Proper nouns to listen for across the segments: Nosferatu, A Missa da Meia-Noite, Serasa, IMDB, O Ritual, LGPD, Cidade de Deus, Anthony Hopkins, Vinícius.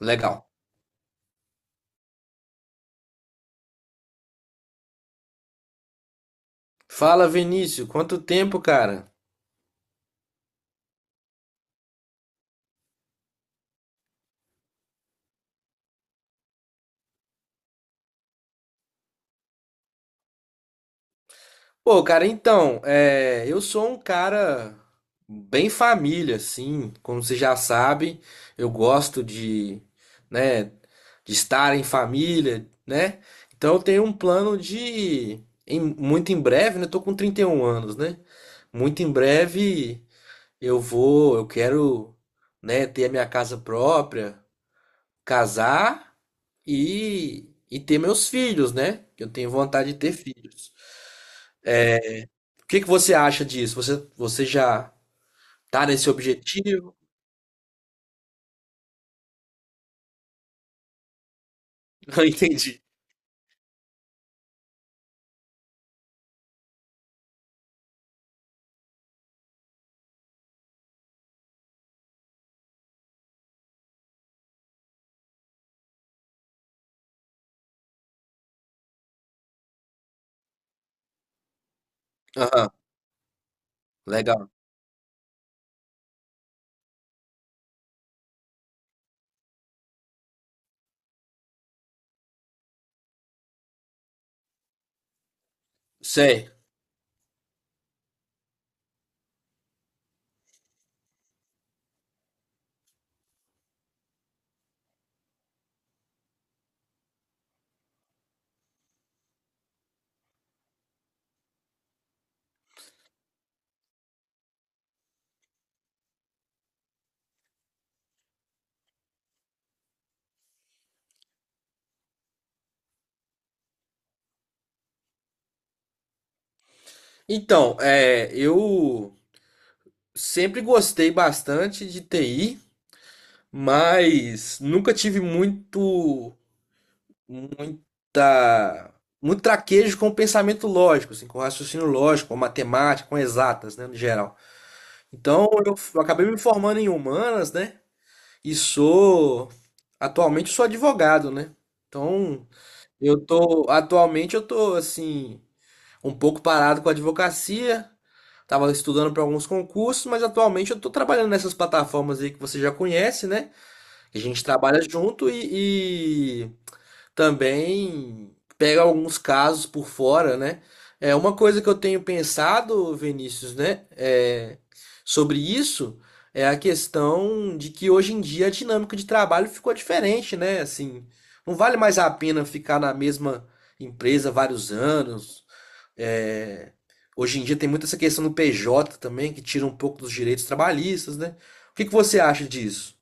Legal. Fala, Vinícius, quanto tempo, cara? Pô, cara, então, eu sou um cara bem família, assim, como você já sabe, eu gosto de, né, de estar em família, né? Então eu tenho um plano de, muito em breve, né? Eu tô com 31 anos, né? Muito em breve eu quero, né, ter a minha casa própria, casar e ter meus filhos, né? Que eu tenho vontade de ter filhos. O que que você acha disso? Você já tá nesse objetivo? Não entendi. Aham, legal. Sei. Então, eu sempre gostei bastante de TI, mas nunca tive muito, muita, muito traquejo com o pensamento lógico, assim, com o raciocínio lógico, com a matemática, com exatas, né, no geral. Então, eu acabei me formando em humanas, né? E sou. Atualmente eu sou advogado, né? Então, eu tô. Atualmente eu tô, assim, um pouco parado com a advocacia. Tava estudando para alguns concursos, mas atualmente eu tô trabalhando nessas plataformas aí que você já conhece, né? Que a gente trabalha junto e, também pega alguns casos por fora, né? É uma coisa que eu tenho pensado, Vinícius, né? É, sobre isso é a questão de que hoje em dia a dinâmica de trabalho ficou diferente, né? Assim, não vale mais a pena ficar na mesma empresa vários anos. É, hoje em dia tem muito essa questão do PJ também, que tira um pouco dos direitos trabalhistas, né? O que que você acha disso?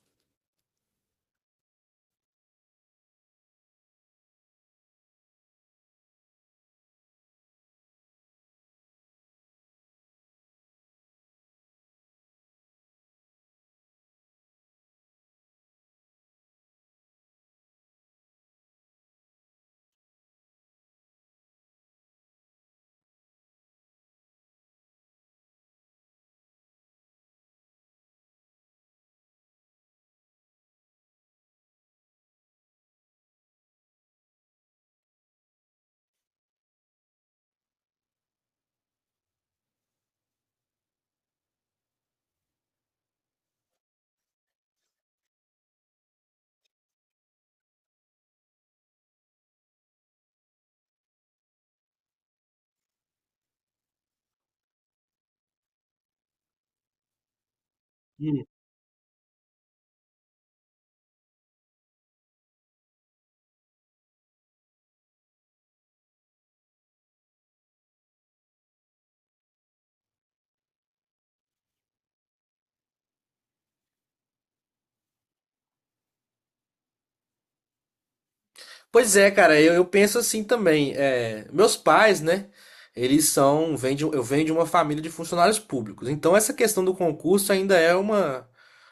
Pois é, cara, eu penso assim também. É, meus pais, né? Eles são, eu venho de uma família de funcionários públicos. Então essa questão do concurso ainda é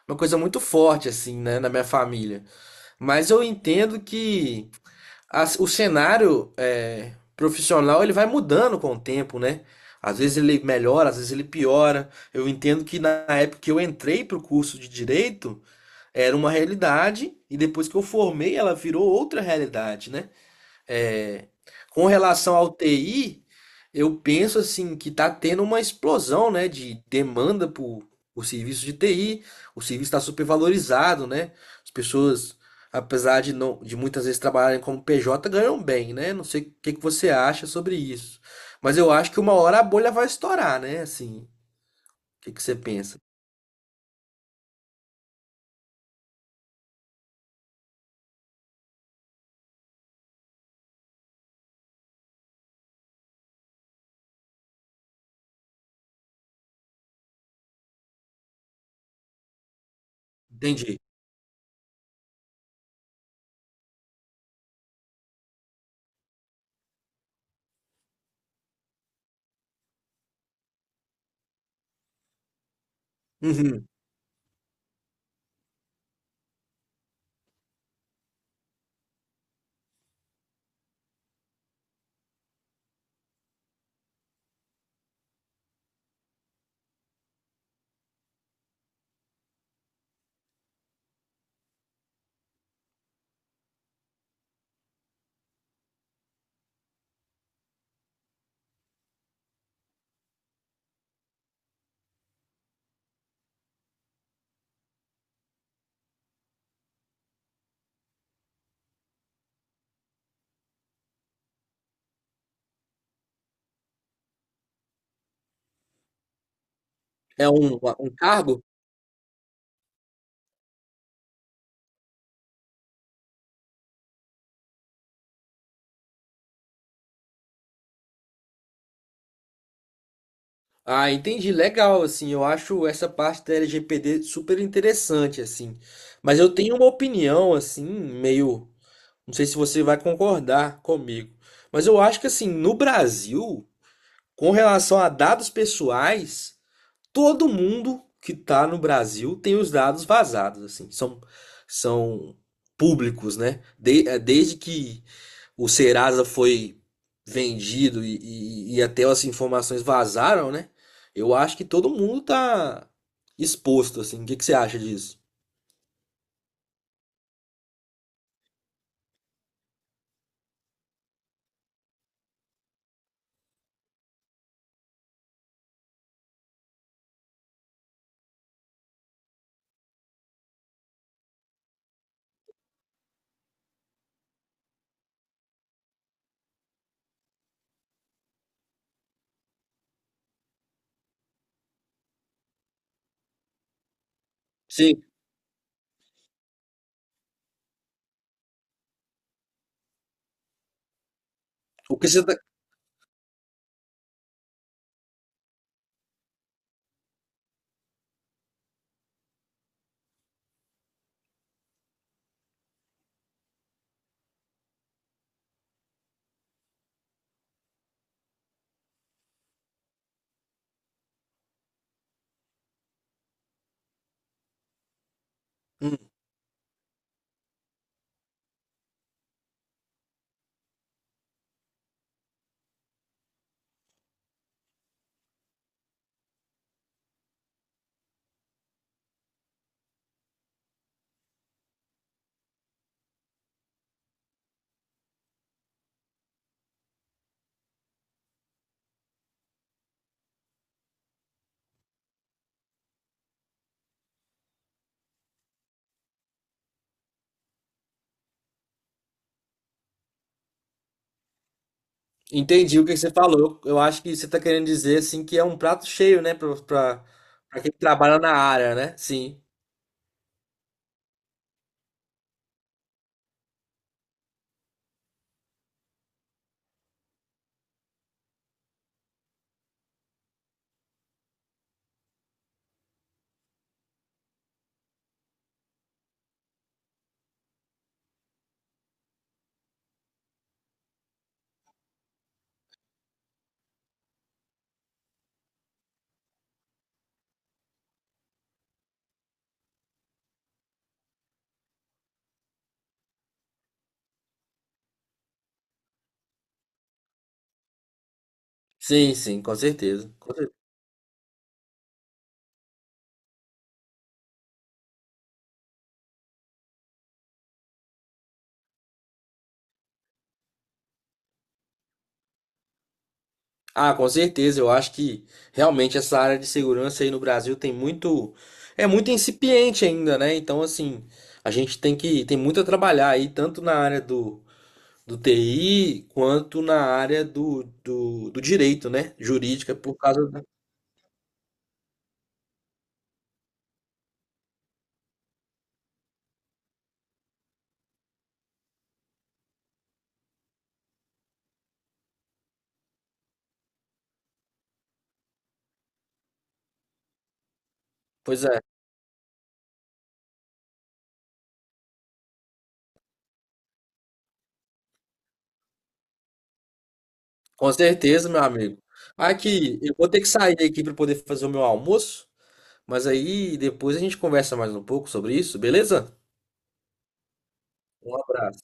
uma coisa muito forte, assim, né, na minha família. Mas eu entendo que o cenário é, profissional ele vai mudando com o tempo, né? Às vezes ele melhora, às vezes ele piora. Eu entendo que na época que eu entrei para o curso de direito, era uma realidade, e depois que eu formei, ela virou outra realidade, né? É, com relação ao TI, eu penso assim que está tendo uma explosão, né, de demanda por serviço de TI. O serviço está supervalorizado, né? As pessoas, apesar de não, de muitas vezes trabalharem como PJ, ganham bem, né? Não sei o que que você acha sobre isso, mas eu acho que uma hora a bolha vai estourar, né? Assim, o que que você pensa? Entendi. Uhum. É um, um cargo? Ah, entendi. Legal, assim, eu acho essa parte da LGPD super interessante, assim. Mas eu tenho uma opinião, assim, meio. Não sei se você vai concordar comigo. Mas eu acho que, assim, no Brasil, com relação a dados pessoais, todo mundo que tá no Brasil tem os dados vazados, assim. São públicos, né? Desde que o Serasa foi vendido e até as informações vazaram, né? Eu acho que todo mundo tá exposto, assim. O que que você acha disso? Sim, o que você tá... Hum, entendi o que você falou. Eu acho que você tá querendo dizer, assim, que é um prato cheio, né? Pra quem trabalha na área, né? Sim. Sim, sim, com certeza. Com certeza. Ah, com certeza. Eu acho que realmente essa área de segurança aí no Brasil é muito incipiente ainda, né? Então, assim, a gente tem que tem muito a trabalhar aí, tanto na área do TI quanto na área do direito, né? Jurídica, por causa da... Pois é, com certeza, meu amigo. Aqui, eu vou ter que sair aqui para poder fazer o meu almoço, mas aí depois a gente conversa mais um pouco sobre isso, beleza? Um abraço.